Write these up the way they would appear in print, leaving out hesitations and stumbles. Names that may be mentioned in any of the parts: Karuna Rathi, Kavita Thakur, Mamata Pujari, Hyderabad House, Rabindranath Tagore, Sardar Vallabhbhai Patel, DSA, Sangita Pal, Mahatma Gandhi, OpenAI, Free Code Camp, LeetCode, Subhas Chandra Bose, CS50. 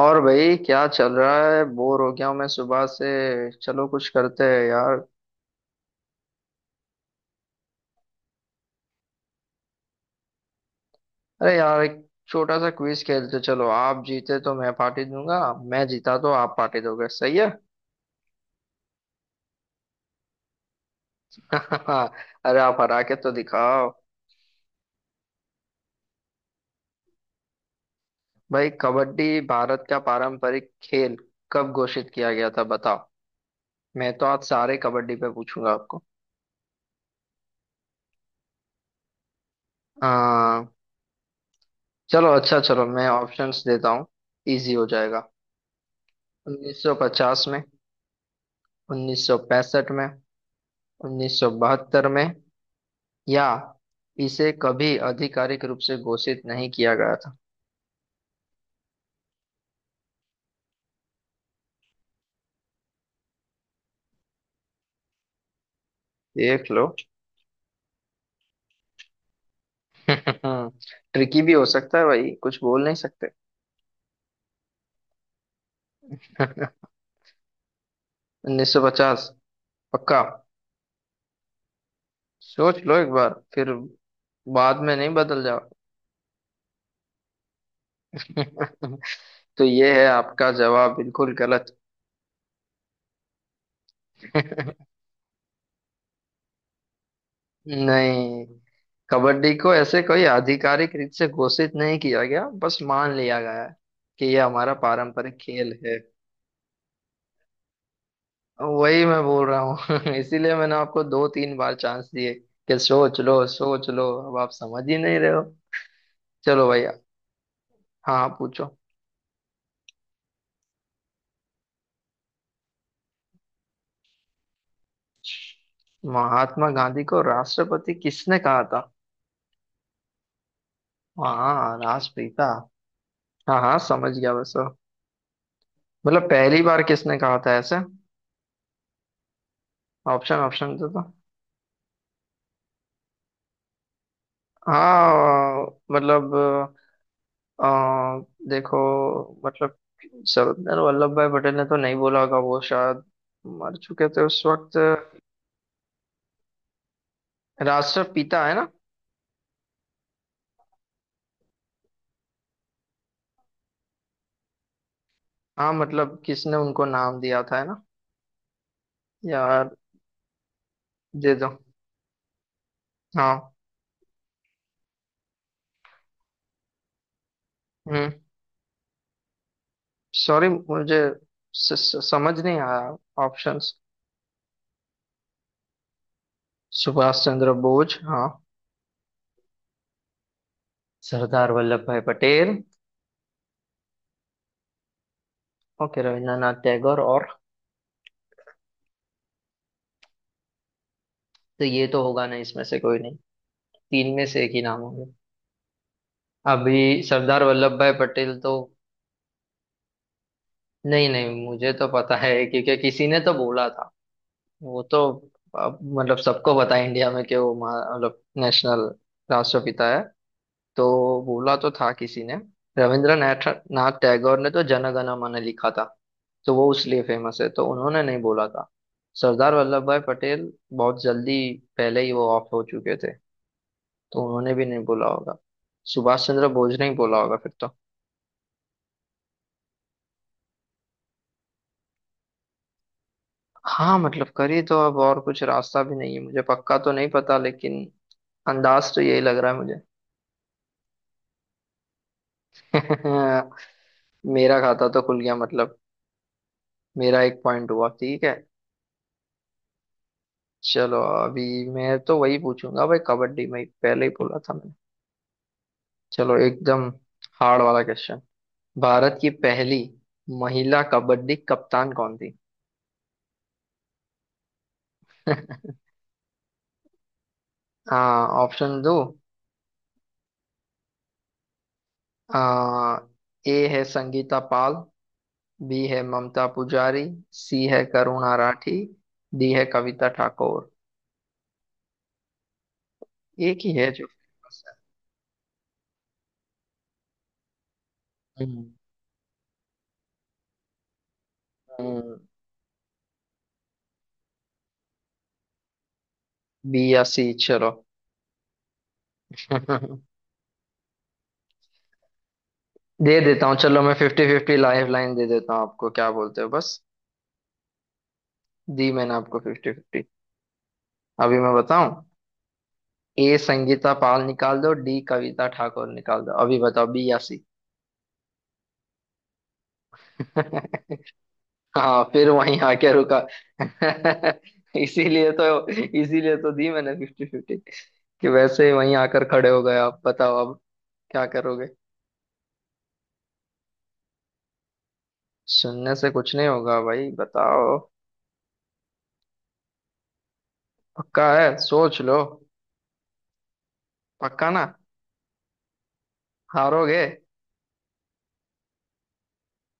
और भाई क्या चल रहा है? बोर हो गया हूँ मैं सुबह से। चलो कुछ करते हैं यार। अरे यार एक छोटा सा क्विज खेलते। चलो आप जीते तो मैं पार्टी दूंगा, मैं जीता तो आप पार्टी दोगे, सही है। अरे आप हरा के तो दिखाओ। भाई कबड्डी भारत का पारंपरिक खेल कब घोषित किया गया था बताओ। मैं तो आज सारे कबड्डी पे पूछूंगा आपको। आ, चलो अच्छा, चलो मैं ऑप्शंस देता हूँ, इजी हो जाएगा। 1950 में, 1965 में, 1972 में, या इसे कभी आधिकारिक रूप से घोषित नहीं किया गया था। देख लो। ट्रिकी भी हो सकता है भाई, कुछ बोल नहीं सकते। 1950? पक्का? सोच लो एक बार फिर, बाद में नहीं बदल जाओ। तो ये है आपका जवाब बिल्कुल गलत। नहीं, कबड्डी को ऐसे कोई आधिकारिक रूप से घोषित नहीं किया गया, बस मान लिया गया है कि ये हमारा पारंपरिक खेल है। वही मैं बोल रहा हूँ। इसीलिए मैंने आपको दो तीन बार चांस दिए कि सोच लो सोच लो, अब आप समझ ही नहीं रहे हो। चलो भैया। हाँ, आप पूछो। महात्मा गांधी को राष्ट्रपति किसने कहा था? हाँ, राष्ट्रपिता। हाँ हाँ, समझ गया, बस। मतलब पहली बार किसने कहा था ऐसे। ऑप्शन ऑप्शन तो था। हाँ मतलब, अ, देखो, मतलब सरदार वल्लभ भाई पटेल ने तो नहीं बोला होगा, वो शायद मर चुके थे उस वक्त। राष्ट्रपिता है ना। हाँ, मतलब किसने उनको नाम दिया था, है ना। यार दे दो। हाँ। हम्म, सॉरी मुझे स, स, समझ नहीं आया ऑप्शंस। सुभाष चंद्र बोस, हाँ। सरदार वल्लभ भाई पटेल। ओके, रविंद्रनाथ टैगोर, और? तो ये तो होगा ना, इसमें से कोई नहीं। तीन में से एक ही नाम होंगे। अभी सरदार वल्लभ भाई पटेल तो, नहीं नहीं, मुझे तो पता है, क्योंकि किसी ने तो बोला था वो तो। अब मतलब सबको पता है इंडिया में कि वो मतलब नेशनल राष्ट्रपिता है तो। बोला तो था किसी ने। रविंद्रनाथ नाथ टैगोर ने तो जनगण मन लिखा था, तो वो उसलिए फेमस है, तो उन्होंने नहीं बोला था। सरदार वल्लभ भाई पटेल बहुत जल्दी, पहले ही वो ऑफ हो चुके थे, तो उन्होंने भी नहीं बोला होगा। सुभाष चंद्र बोस ने ही बोला होगा फिर तो। हाँ मतलब करिए, तो अब और कुछ रास्ता भी नहीं है, मुझे पक्का तो नहीं पता लेकिन अंदाज तो यही लग रहा है। मुझे। मेरा खाता तो खुल गया मतलब, मेरा एक पॉइंट हुआ, ठीक है। चलो अभी, मैं तो वही पूछूंगा भाई कबड्डी में, पहले ही बोला था मैंने। चलो एकदम हार्ड वाला क्वेश्चन। भारत की पहली महिला कबड्डी कप्तान कौन थी? हाँ, ऑप्शन दो। आ, ए है संगीता पाल, बी है ममता पुजारी, सी है करुणा राठी, डी है कविता ठाकुर। एक ही है जो फेमस है। हम्म, बी या सी, चलो। दे देता हूँ, चलो मैं फिफ्टी फिफ्टी लाइफ लाइन दे देता हूँ आपको, क्या बोलते हो? बस, दी मैंने आपको फिफ्टी फिफ्टी। अभी मैं बताऊं, ए संगीता पाल निकाल दो, डी कविता ठाकुर निकाल दो, अभी बताओ बी या सी। हाँ, फिर वहीं आके रुका। इसीलिए तो दी मैंने फिफ्टी फिफ्टी, कि वैसे ही वहीं आकर खड़े हो गए आप। बताओ अब, क्या करोगे? सुनने से कुछ नहीं होगा भाई, बताओ। पक्का है? सोच लो। पक्का ना? हारोगे।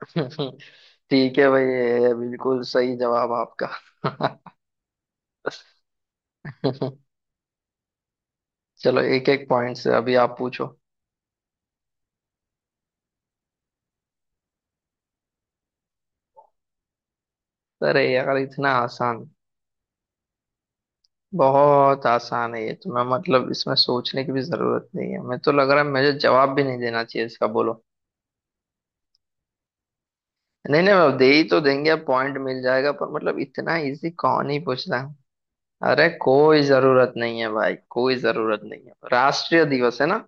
ठीक है भाई, ये है बिल्कुल सही जवाब आपका। चलो एक एक पॉइंट से, अभी आप पूछो। अरे यार इतना आसान! बहुत आसान है ये तो, मैं मतलब इसमें सोचने की भी जरूरत नहीं है, मैं तो, लग रहा है मुझे जवाब भी नहीं देना चाहिए इसका, बोलो। नहीं नहीं, मैं दे ही तो देंगे, अब पॉइंट मिल जाएगा, पर मतलब इतना इजी कौन ही पूछ रहा है। अरे कोई जरूरत नहीं है भाई, कोई जरूरत नहीं है। राष्ट्रीय दिवस है ना,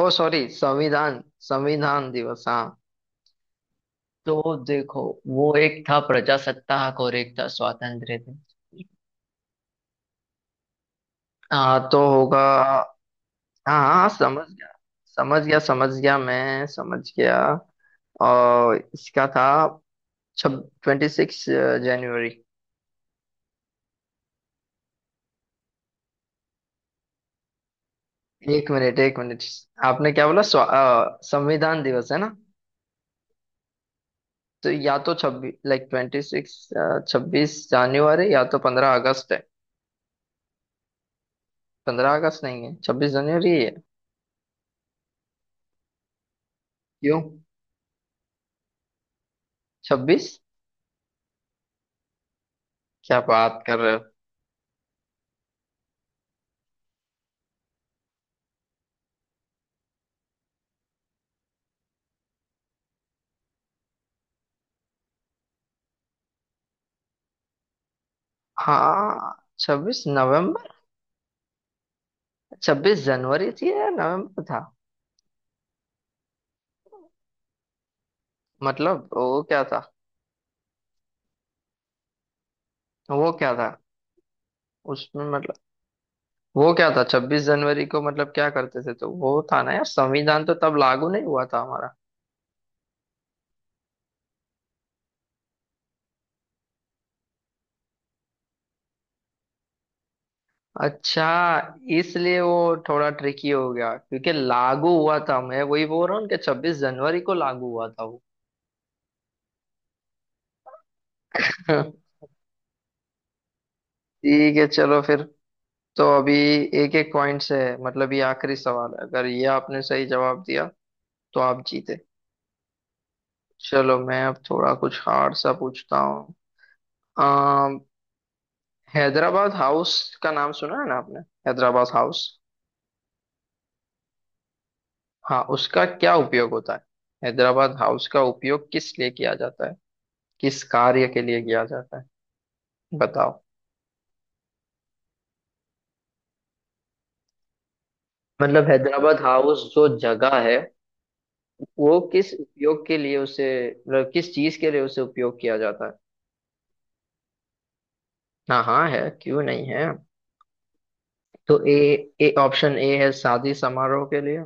ओ सॉरी संविधान, संविधान दिवस, हाँ। तो देखो, वो एक था प्रजासत्ताक और एक था स्वातंत्र्य थे, हाँ तो होगा। हाँ हाँ समझ गया मैं समझ गया। और इसका था छब 26 जनवरी। एक मिनट एक मिनट, आपने क्या बोला? संविधान दिवस है ना? तो या तो 26 लाइक 26, 26 जनवरी, या तो 15 अगस्त है। 15 अगस्त नहीं है, 26 जनवरी ही है। क्यों? 26? क्या बात कर रहे हो! हाँ 26 नवंबर। 26 जनवरी थी या नवंबर था? मतलब वो क्या था, वो क्या था उसमें मतलब, वो क्या था 26 जनवरी को मतलब क्या करते थे? तो वो था ना यार, संविधान तो तब लागू नहीं हुआ था हमारा। अच्छा, इसलिए वो थोड़ा ट्रिकी हो गया, क्योंकि लागू हुआ था, मैं वही बोल रहा हूँ कि 26 जनवरी को लागू हुआ था वो। ठीक है चलो फिर। तो अभी एक एक पॉइंट से है, मतलब ये आखिरी सवाल है, अगर ये आपने सही जवाब दिया तो आप जीते। चलो मैं अब थोड़ा कुछ हार्ड सा पूछता हूँ। अम, हैदराबाद हाउस का नाम सुना है ना आपने? हैदराबाद हाउस। हाँ, उसका क्या उपयोग होता है? हैदराबाद हाउस का उपयोग किस लिए किया जाता है, किस कार्य के लिए किया जाता है, बताओ। मतलब हैदराबाद हाउस जो जगह है, वो किस उपयोग के लिए उसे मतलब किस चीज के लिए उसे उपयोग किया जाता है। हाँ हाँ है, क्यों नहीं है। तो ए, ए ऑप्शन ए है शादी समारोह के लिए,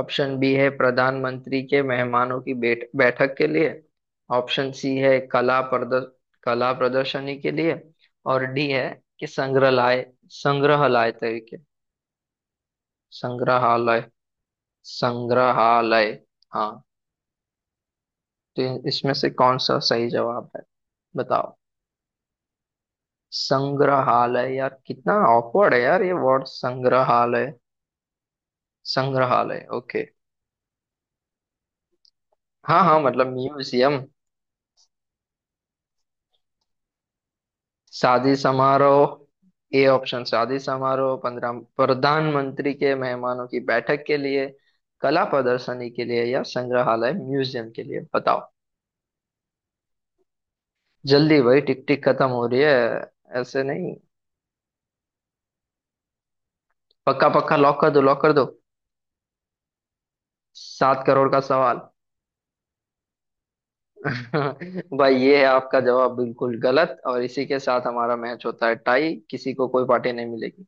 ऑप्शन बी है प्रधानमंत्री के मेहमानों की बैठक के लिए, ऑप्शन सी है कला प्रदर्शनी के लिए, और डी है कि संग्रहालय, संग्रहालय तरीके, संग्रहालय, संग्रहालय, हाँ। तो इसमें से कौन सा सही जवाब है, बताओ। संग्रहालय यार, कितना ऑकवर्ड है यार ये वर्ड, संग्रहालय, संग्रहालय, ओके। हाँ हाँ मतलब म्यूजियम। शादी समारोह, ए ऑप्शन शादी समारोह, 15, प्रधानमंत्री के मेहमानों की बैठक के लिए, कला प्रदर्शनी के लिए, या संग्रहालय म्यूजियम के लिए, बताओ जल्दी भाई, टिक टिक खत्म हो रही है। ऐसे नहीं। पक्का? पक्का लॉक कर दो, लॉक कर दो। 7 करोड़ का सवाल। भाई ये है आपका जवाब बिल्कुल गलत, और इसी के साथ हमारा मैच होता है टाई, किसी को कोई पार्टी नहीं मिलेगी।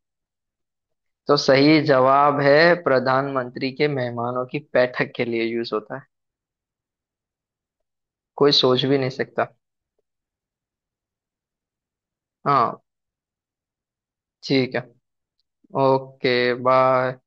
तो सही जवाब है, प्रधानमंत्री के मेहमानों की बैठक के लिए यूज होता है। कोई सोच भी नहीं सकता। हाँ, ठीक है। Okay bye.